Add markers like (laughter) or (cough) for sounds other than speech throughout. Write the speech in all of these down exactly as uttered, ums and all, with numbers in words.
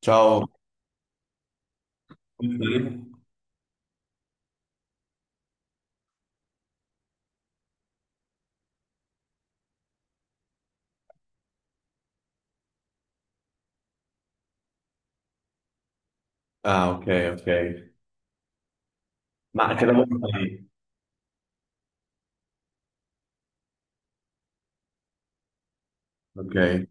Ciao. Come stai? Ah, ok, ok. Ma che lavoro fai? Ok,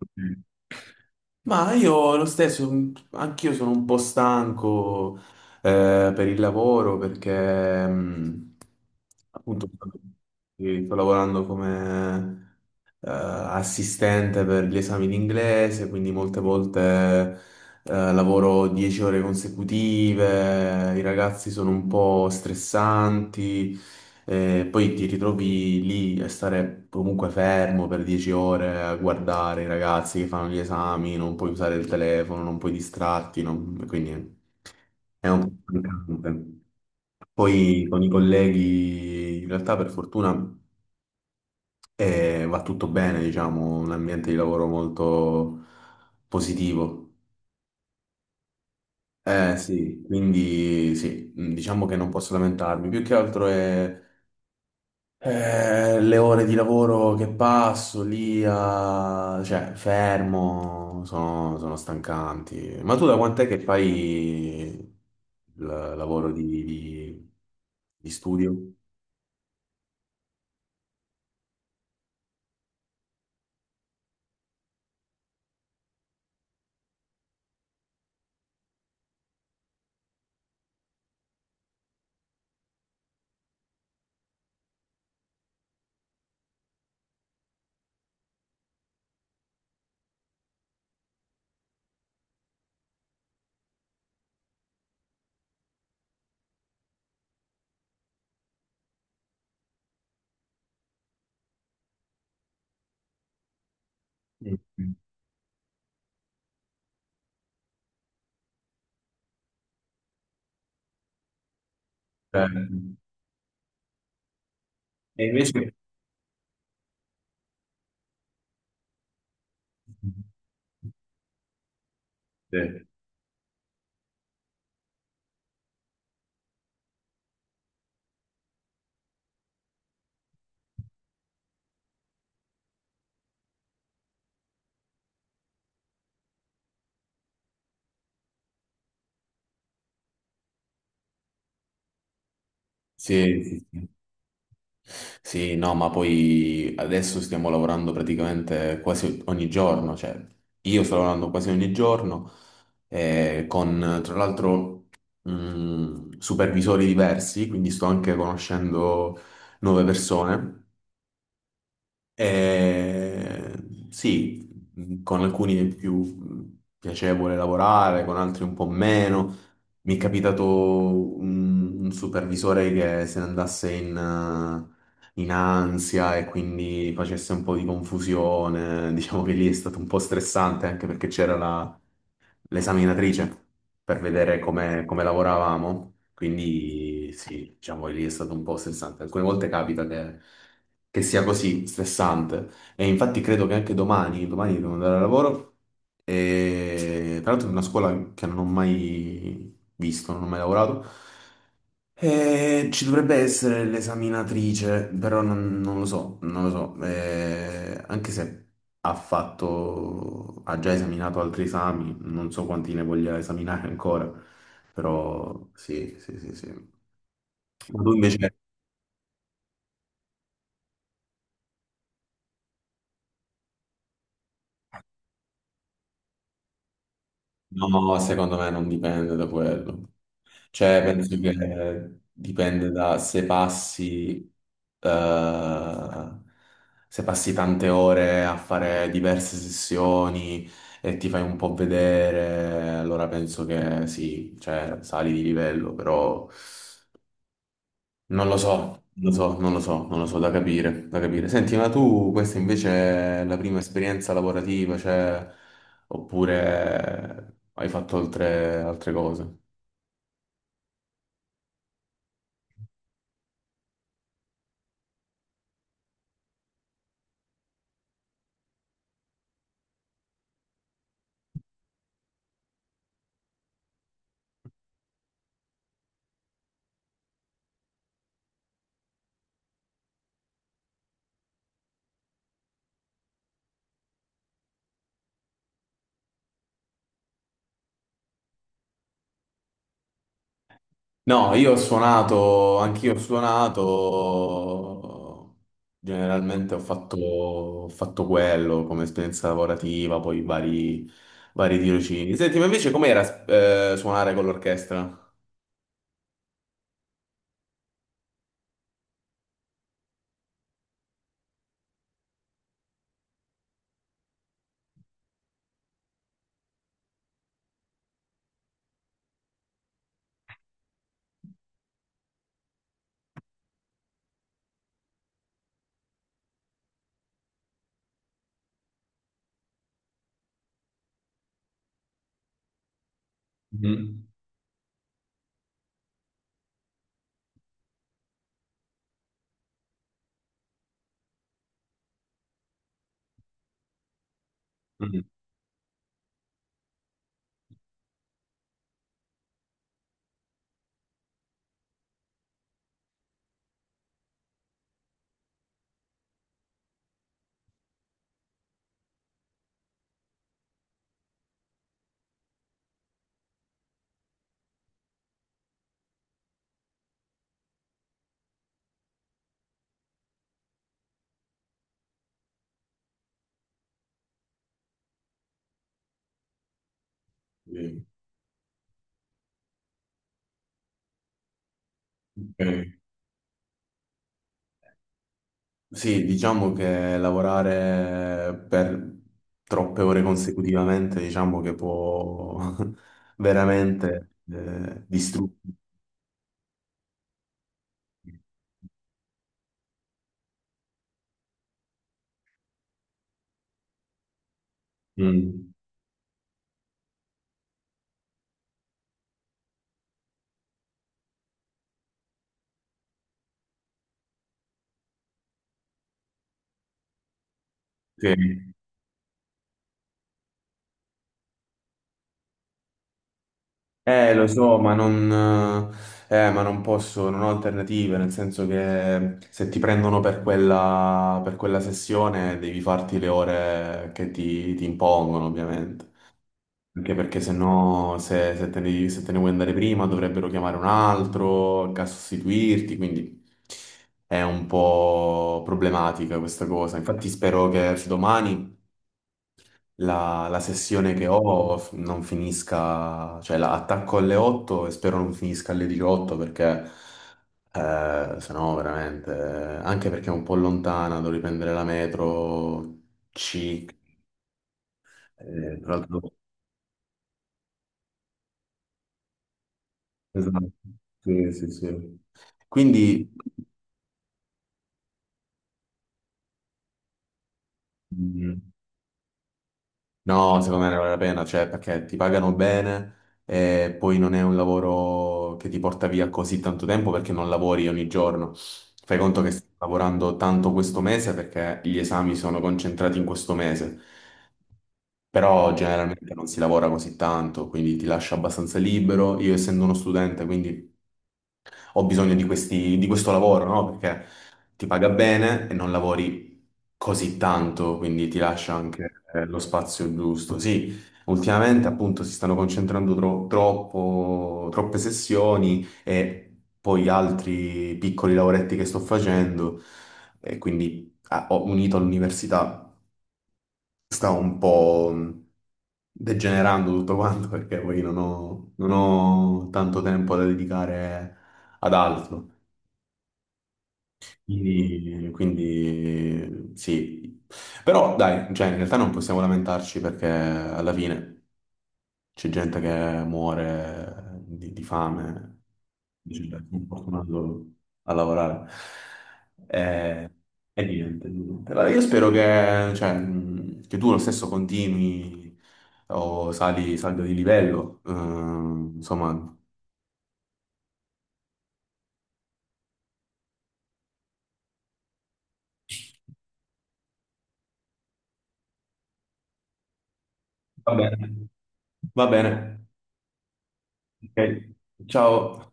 ok. Ma io lo stesso, mm, anch'io sono un po' stanco eh, per il lavoro perché mm, appunto sì, sto lavorando come eh, assistente per gli esami in inglese, quindi molte volte eh, lavoro dieci ore consecutive, i ragazzi sono un po' stressanti. Eh, poi ti ritrovi lì a stare comunque fermo per dieci ore a guardare i ragazzi che fanno gli esami, non puoi usare il telefono, non puoi distrarti, non- quindi è un po' stancante. Poi con i colleghi, in realtà per fortuna e va tutto bene, diciamo, un ambiente di lavoro molto positivo. Eh sì, quindi sì, mh, diciamo che non posso lamentarmi, più che altro è eh, le ore di lavoro che passo lì, a- cioè fermo, sono, sono stancanti. Ma tu da quant'è che fai il lavoro di, di- di studio? Mm. Eh, e invece... Sì, sì, sì. Sì, no, ma poi adesso stiamo lavorando praticamente quasi ogni giorno, cioè io sto lavorando quasi ogni giorno eh, con tra l'altro mh, supervisori diversi, quindi sto anche conoscendo nuove persone. Eh, sì, mh, con alcuni è più mh, piacevole lavorare, con altri un po' meno. Mi è capitato un, un supervisore che se ne andasse in, eh, in ansia e quindi facesse un po' di confusione. Diciamo che lì è stato un po' stressante anche perché c'era la l'esaminatrice per vedere come, come lavoravamo. Quindi sì, diciamo lì è stato un po' stressante. Alcune volte capita che, che sia così stressante. E infatti credo che anche domani, domani devo andare al lavoro. E tra l'altro è una scuola che non ho mai visto, non ho mai lavorato. Eh, ci dovrebbe essere l'esaminatrice, però non, non lo so, non lo so. Eh, anche se ha fatto, ha già esaminato altri esami, non so quanti ne voglia esaminare ancora, però sì, sì, sì, sì. Ma tu invece, no, secondo me non dipende da quello. Cioè, penso che eh, dipende da se passi, eh, se passi tante ore a fare diverse sessioni e ti fai un po' vedere, allora penso che sì, cioè sali di livello, però non lo so, non lo so, non lo so, non lo so, da capire, da capire. Senti, ma tu questa invece è la prima esperienza lavorativa, cioè, oppure hai fatto altre altre cose? No, io ho suonato, anch'io ho suonato, generalmente ho fatto, ho fatto quello come esperienza lavorativa, poi vari, vari tirocini. Senti, ma invece com'era eh, suonare con l'orchestra? Mhm. Mm. Sì. Ok. Sì, diciamo che lavorare per troppe ore consecutivamente, diciamo che può (laughs) veramente eh, distruggere. Mm. Sì. Eh, lo so, ma non, eh, eh, ma non posso, non ho alternative, nel senso che se ti prendono per quella, per quella sessione devi farti le ore che ti, ti impongono, ovviamente. Anche perché se no, se, se te ne, se te ne vuoi andare prima, dovrebbero chiamare un altro che a sostituirti, quindi è un po' problematica questa cosa. Infatti spero che domani la, la sessione che ho f- non finisca, cioè la attacco alle otto e spero non finisca alle diciotto perché eh, se no veramente, anche perché è un po' lontana, devo riprendere la metro C. Eh, tra l'altro, esatto. Sì, sì, sì. Quindi, mm, no, secondo me ne vale la pena, cioè perché ti pagano bene e poi non è un lavoro che ti porta via così tanto tempo perché non lavori ogni giorno. Fai conto che, mm, stai lavorando tanto questo mese perché gli esami sono concentrati in questo mese, però generalmente non si lavora così tanto, quindi ti lascia abbastanza libero. Io essendo uno studente, quindi ho bisogno di questi- di questo lavoro, no? Perché ti paga bene e non lavori così tanto, quindi ti lascia anche eh, lo spazio giusto. Sì, ultimamente appunto si stanno concentrando tro- troppo, troppe sessioni e poi altri piccoli lavoretti che sto facendo e quindi ah, ho unito all'università, sta un po' mh, degenerando tutto quanto perché poi non ho non ho tanto tempo da dedicare ad altro. Quindi, quindi sì, però dai, cioè, in realtà non possiamo lamentarci perché alla fine c'è gente che muore di, di fame, dice, "Beh, sono fortunato a lavorare. E, e niente, niente. Allora, io spero che, cioè, mh, che tu lo stesso continui o sali, salga di livello, ehm, insomma, va bene, va bene. Ok, ciao.